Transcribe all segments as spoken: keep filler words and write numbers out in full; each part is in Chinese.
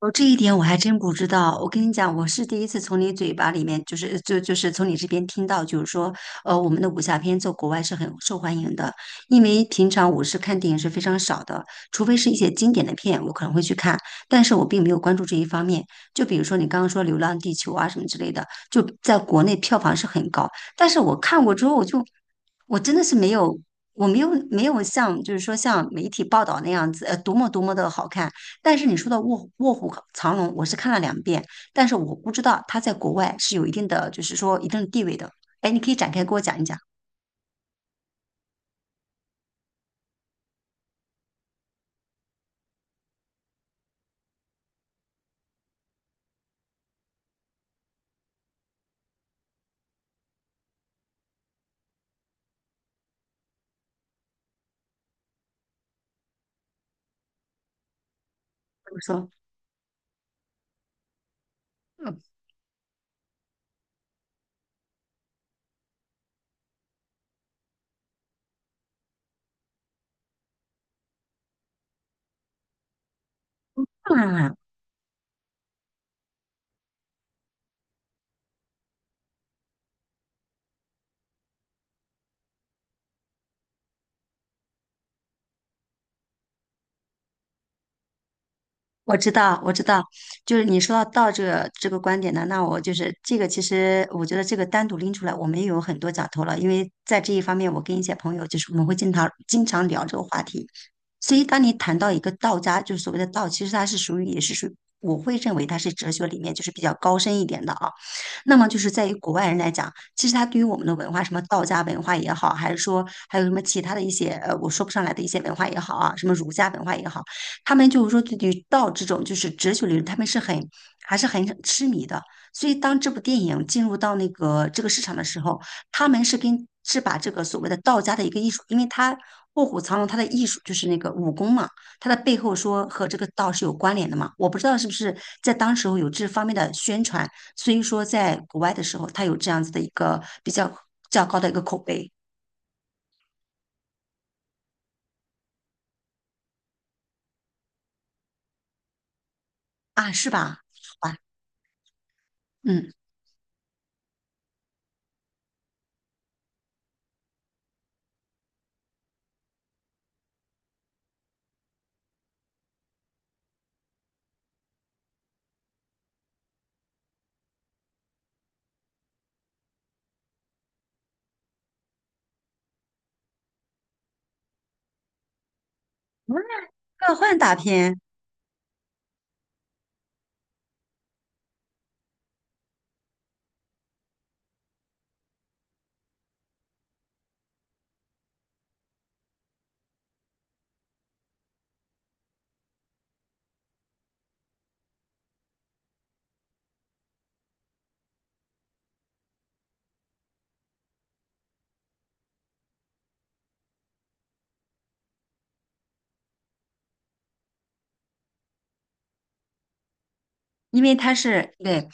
哦，这一点我还真不知道。我跟你讲，我是第一次从你嘴巴里面，就是就就是从你这边听到，就是说，呃，我们的武侠片在国外是很受欢迎的。因为平常我是看电影是非常少的，除非是一些经典的片，我可能会去看，但是我并没有关注这一方面。就比如说你刚刚说《流浪地球》啊什么之类的，就在国内票房是很高，但是我看过之后，我就我真的是没有。我没有没有像就是说像媒体报道那样子，呃，多么多么的好看，但是你说的《卧虎卧虎藏龙》，我是看了两遍，但是我不知道他在国外是有一定的，就是说一定的地位的。哎，你可以展开给我讲一讲，我说，嗯，我知道，我知道，就是你说到道这个这个观点呢，那我就是这个，其实我觉得这个单独拎出来，我们也有很多讲头了，因为在这一方面，我跟一些朋友就是我们会经常经常聊这个话题。所以，当你谈到一个道家，就是所谓的道，其实它是属于也是属于我会认为它是哲学里面就是比较高深一点的啊。那么就是在于国外人来讲，其实它对于我们的文化，什么道家文化也好，还是说还有什么其他的一些呃，我说不上来的一些文化也好啊，什么儒家文化也好。他们就是说对于道这种就是哲学理论，他们是很还是很痴迷的。所以当这部电影进入到那个这个市场的时候，他们是跟是把这个所谓的道家的一个艺术，因为他卧虎藏龙他的艺术就是那个武功嘛，他的背后说和这个道是有关联的嘛。我不知道是不是在当时候有这方面的宣传，所以说在国外的时候，他有这样子的一个比较较高的一个口碑啊，是吧？好吧，嗯，个幻大片。因为他是对，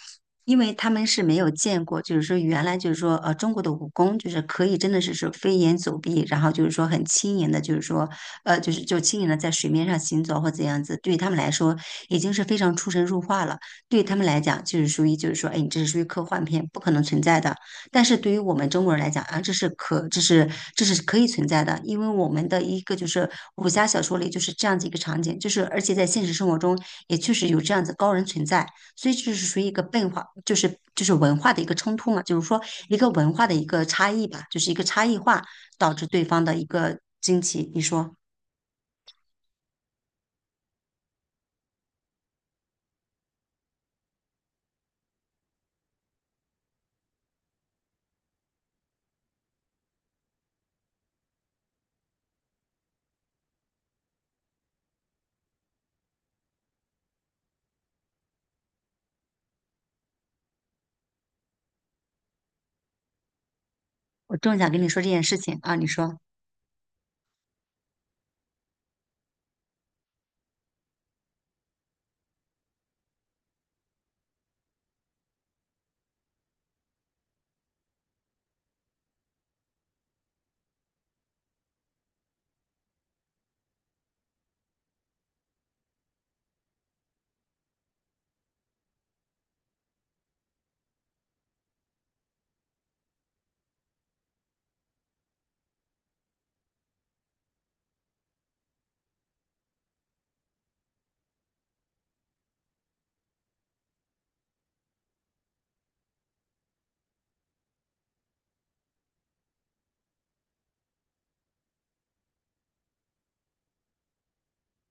因为他们是没有见过，就是说原来就是说呃中国的武功就是可以真的是是飞檐走壁，然后就是说很轻盈的，就是说呃就是就轻盈的在水面上行走或怎样子，对于他们来说已经是非常出神入化了。对于他们来讲，就是属于就是说，哎，你这是属于科幻片，不可能存在的。但是对于我们中国人来讲啊，这是可这是这是可以存在的，因为我们的一个就是武侠小说里就是这样子一个场景，就是而且在现实生活中也确实有这样子高人存在。所以这是属于一个变化，就是就是文化的一个冲突嘛，就是说一个文化的一个差异吧，就是一个差异化导致对方的一个惊奇。你说，我正想跟你说这件事情啊，你说。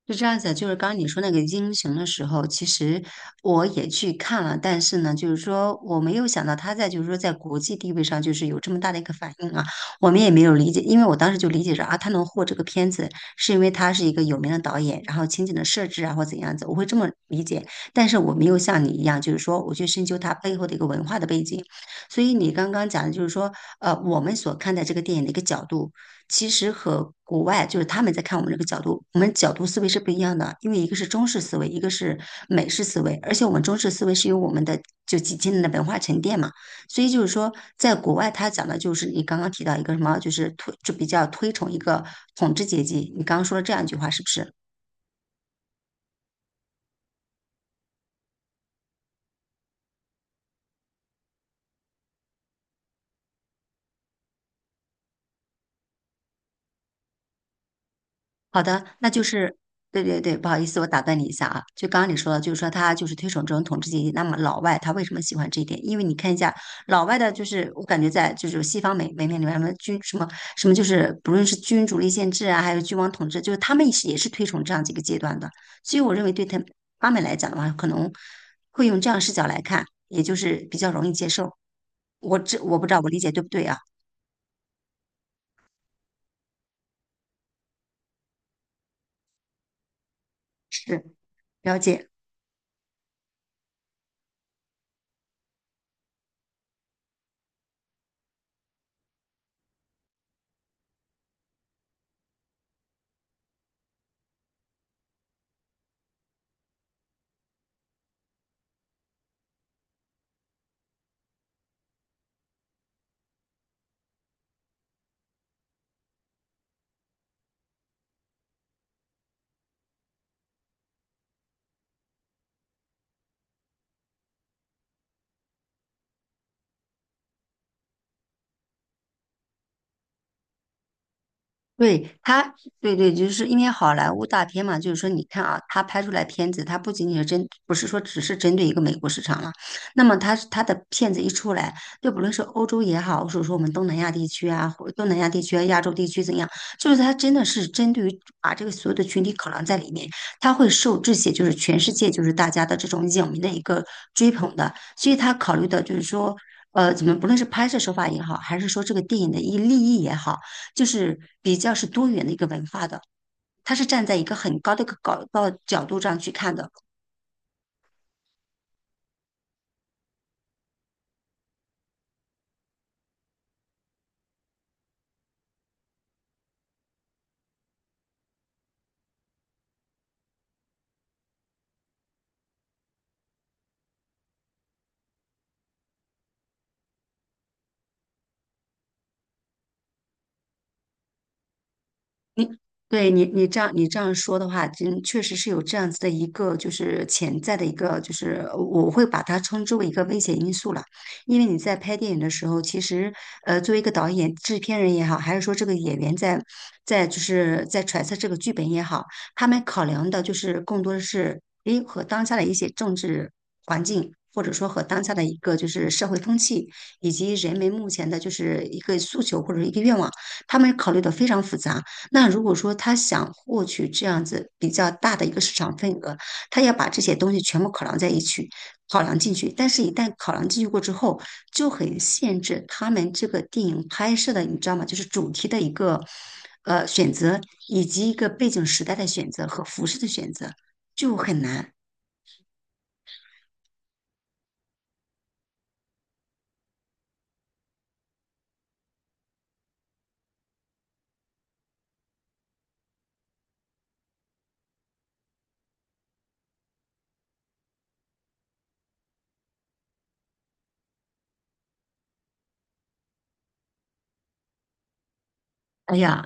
是这样子的就是刚刚你说那个英雄的时候，其实我也去看了，但是呢，就是说我没有想到他在就是说在国际地位上就是有这么大的一个反应啊，我们也没有理解，因为我当时就理解着啊，他能获这个片子是因为他是一个有名的导演，然后情景的设置啊或怎样子，我会这么理解，但是我没有像你一样，就是说我去深究它背后的一个文化的背景，所以你刚刚讲的就是说，呃，我们所看待这个电影的一个角度。其实和国外就是他们在看我们这个角度，我们角度思维是不一样的，因为一个是中式思维，一个是美式思维，而且我们中式思维是有我们的就几千年的文化沉淀嘛，所以就是说，在国外他讲的就是你刚刚提到一个什么，就是推就比较推崇一个统治阶级，你刚刚说了这样一句话是不是？好的，那就是，对对对，不好意思，我打断你一下啊。就刚刚你说的，就是说他就是推崇这种统治阶级。那么老外他为什么喜欢这一点？因为你看一下老外的，就是我感觉在就是西方美美面里面，什么君什么什么，就是不论是君主立宪制啊，还有君王统治，就是他们也是也是推崇这样几个阶段的。所以我认为对他他们来讲的话，可能会用这样视角来看，也就是比较容易接受。我这我不知道我理解对不对啊？是了解。对他，对对，就是因为好莱坞大片嘛，就是说，你看啊，他拍出来片子，他不仅仅是针，不是说只是针对一个美国市场了。那么他他的片子一出来，就不论是欧洲也好，或者说我们东南亚地区啊，或东南亚地区啊、亚洲地区怎样，就是他真的是针对于把这个所有的群体考量在里面，他会受这些就是全世界就是大家的这种影迷的一个追捧的，所以他考虑的就是说。呃，怎么不论是拍摄手法也好，还是说这个电影的一立意也好。就是比较是多元的一个文化的，它是站在一个很高的一个高到角度上去看的。你对你你这样你这样说的话，真确实是有这样子的一个就是潜在的一个就是呃我会把它称之为一个危险因素了，因为你在拍电影的时候，其实呃作为一个导演、制片人也好，还是说这个演员在在就是在揣测这个剧本也好，他们考量的就是更多的是诶和当下的一些政治环境。或者说和当下的一个就是社会风气，以及人们目前的就是一个诉求或者一个愿望，他们考虑的非常复杂。那如果说他想获取这样子比较大的一个市场份额，他要把这些东西全部考量在一起，考量进去。但是，一旦考量进去过之后，就很限制他们这个电影拍摄的，你知道吗？就是主题的一个呃选择，以及一个背景时代的选择和服饰的选择，就很难。哎呀，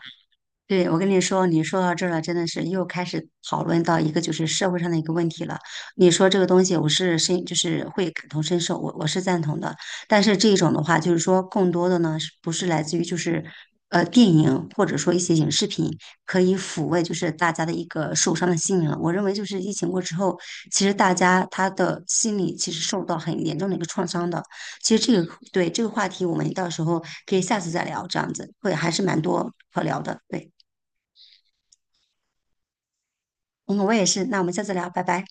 对，我跟你说，你说到这儿了，真的是又开始讨论到一个就是社会上的一个问题了。你说这个东西，我是深，就是会感同身受，我我是赞同的。但是这种的话，就是说更多的呢，是不是来自于就是呃电影或者说一些影视品可以抚慰就是大家的一个受伤的心灵了。我认为就是疫情过之后，其实大家他的心理其实受到很严重的一个创伤的。其实这个对这个话题，我们到时候可以下次再聊，这样子会还是蛮多可聊的，对。嗯，我也是。那我们下次聊，拜拜。